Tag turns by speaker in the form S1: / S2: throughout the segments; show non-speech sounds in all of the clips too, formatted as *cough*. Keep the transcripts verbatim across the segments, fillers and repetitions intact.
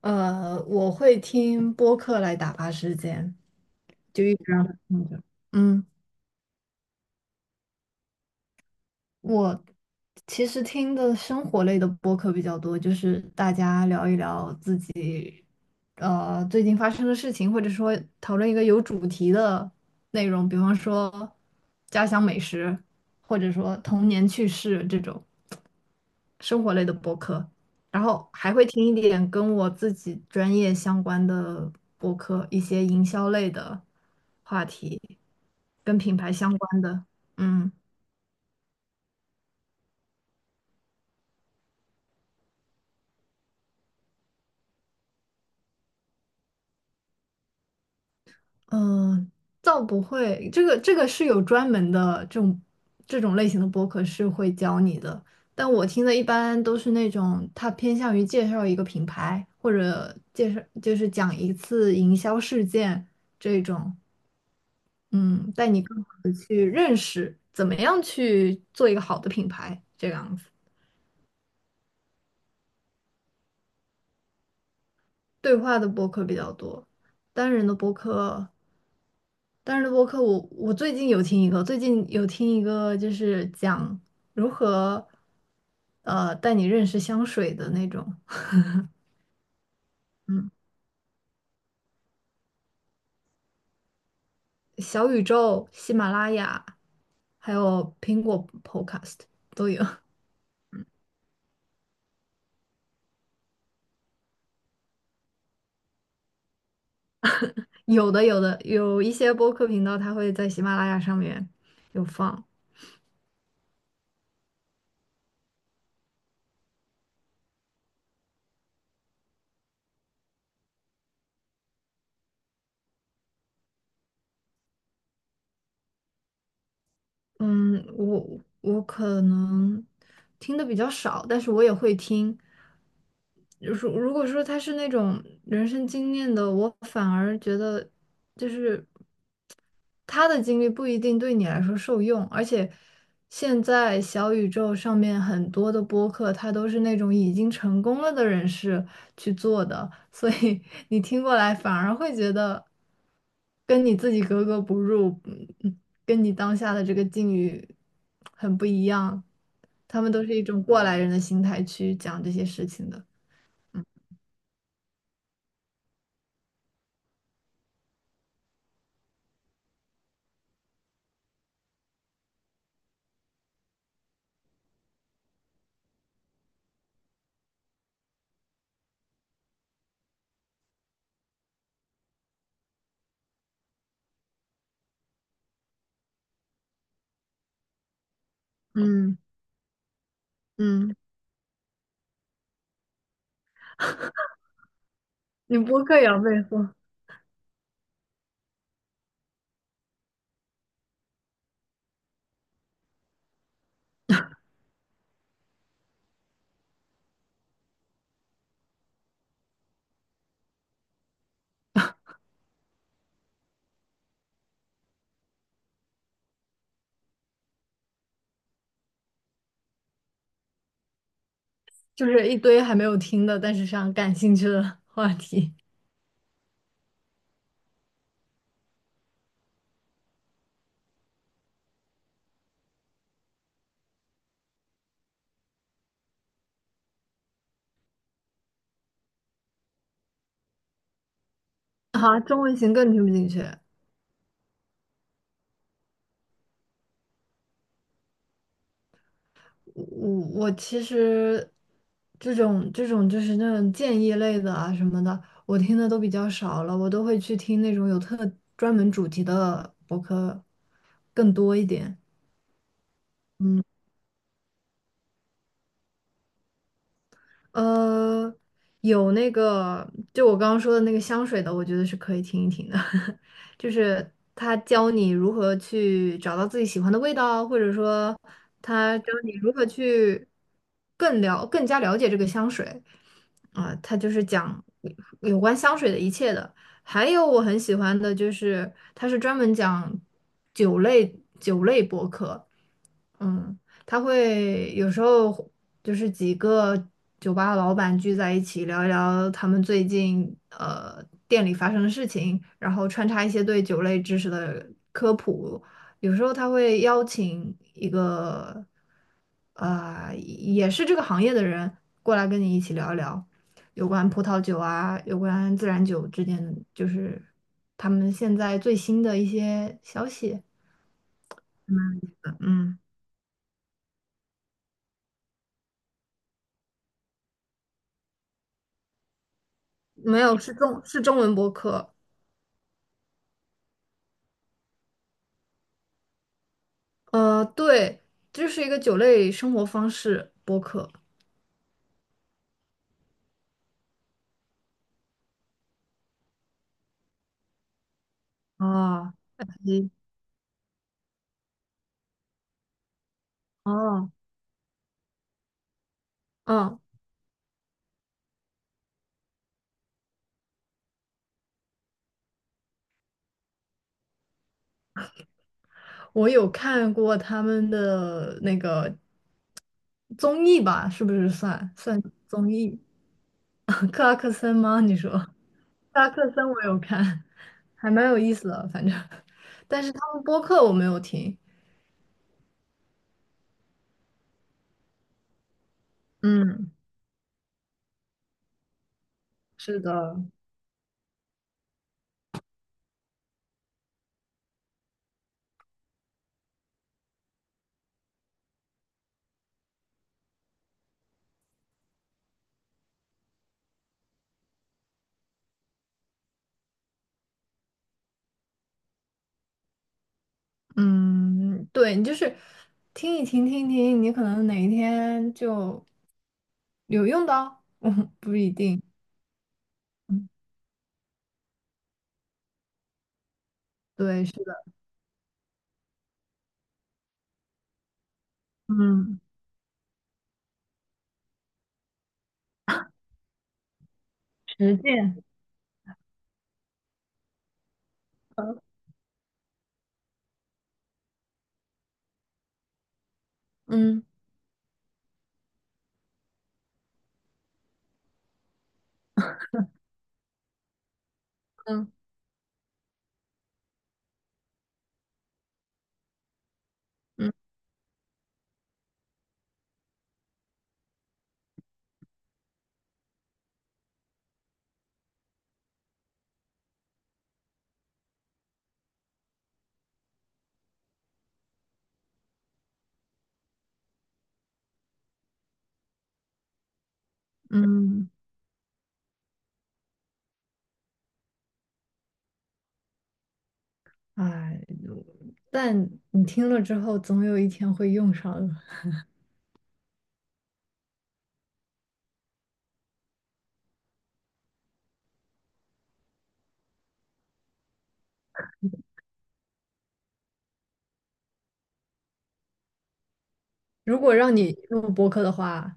S1: 呃，我会听播客来打发时间，就一直让它放着。嗯，我其实听的生活类的播客比较多，就是大家聊一聊自己呃最近发生的事情，或者说讨论一个有主题的内容，比方说家乡美食，或者说童年趣事这种。生活类的播客，然后还会听一点跟我自己专业相关的播客，一些营销类的话题，跟品牌相关的。嗯嗯，呃倒不会，这个这个是有专门的这种这种类型的播客是会教你的，但我听的一般都是那种他偏向于介绍一个品牌，或者介绍就是讲一次营销事件这种。嗯，带你更好的去认识怎么样去做一个好的品牌，这个样子。对话的播客比较多，单人的播客，单人的播客我我最近有听一个，最近有听一个就是讲如何呃带你认识香水的那种。嗯，小宇宙、喜马拉雅，还有苹果 Podcast 都有。*laughs* 有的有的有一些播客频道它会在喜马拉雅上面有放。嗯，我我可能听的比较少，但是我也会听。就是如果说他是那种人生经验的，我反而觉得就是他的经历不一定对你来说受用，而且现在小宇宙上面很多的播客，它都是那种已经成功了的人士去做的，所以 *laughs* 你听过来反而会觉得跟你自己格格不入，嗯跟你当下的这个境遇很不一样。他们都是一种过来人的心态去讲这些事情的。嗯嗯，你播客也要备货，就是一堆还没有听的，但是想感兴趣的话题。啊，中文型更听不进去。我我其实这种这种就是那种建议类的啊什么的，我听的都比较少了，我都会去听那种有特专门主题的博客更多一点。嗯。呃，有那个，就我刚刚说的那个香水的，我觉得是可以听一听的。*laughs* 就是他教你如何去找到自己喜欢的味道，或者说他教你如何去更了更加了解这个香水，啊、他就是讲有关香水的一切的。还有我很喜欢的就是，他是专门讲酒类酒类博客。嗯。他会有时候就是几个酒吧老板聚在一起聊一聊他们最近呃店里发生的事情，然后穿插一些对酒类知识的科普。有时候他会邀请一个呃也是这个行业的人过来跟你一起聊一聊有关葡萄酒啊，有关自然酒之间的就是他们现在最新的一些消息。嗯，没有，是中是中文播客。呃，对，就是一个酒类生活方式播客啊。你哦，嗯，我有看过他们的那个综艺吧，是不是算算综艺？*laughs* 克拉克森吗？你说克拉克森我有看，还蛮有意思的，反正。*laughs* 但是他们播客我没有听。嗯，是的。嗯，对，你就是听一听，听一听，你可能哪一天就有用的哦。*laughs* 嗯，不一定。嗯，对，是的，嗯，实践，嗯嗯嗯嗯。哎，但你听了之后，总有一天会用上的。如果让你录播客的话，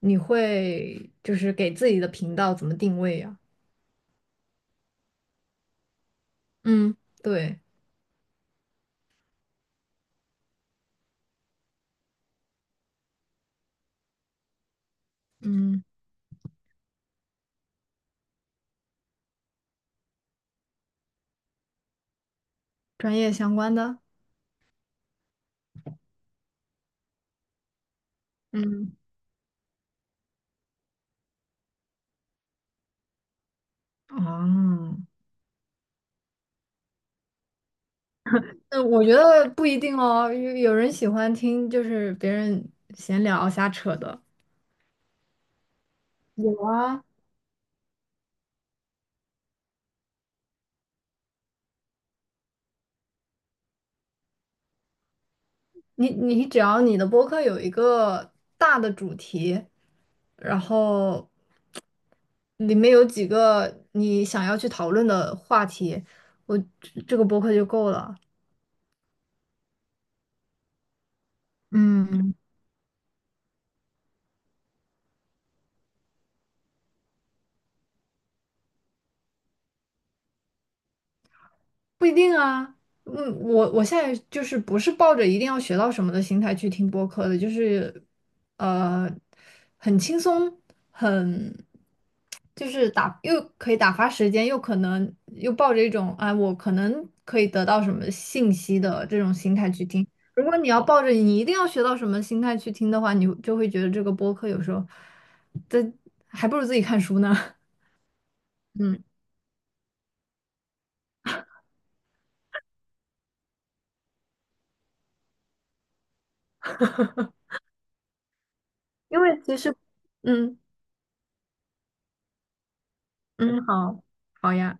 S1: 你会就是给自己的频道怎么定位呀？嗯，对，嗯，专业相关的，嗯，哦。嗯，我觉得不一定哦，有有人喜欢听就是别人闲聊瞎扯的。有啊，你你只要你的播客有一个大的主题，然后里面有几个你想要去讨论的话题，我这这个播客就够了。嗯，不一定啊。嗯，我我现在就是不是抱着一定要学到什么的心态去听播客的，就是呃，很轻松，很就是打又可以打发时间，又可能又抱着一种啊，我可能可以得到什么信息的这种心态去听。如果你要抱着你一定要学到什么心态去听的话，你就会觉得这个播客有时候，这还不如自己看书呢。*laughs* 嗯，因为其实，嗯嗯，好，好呀。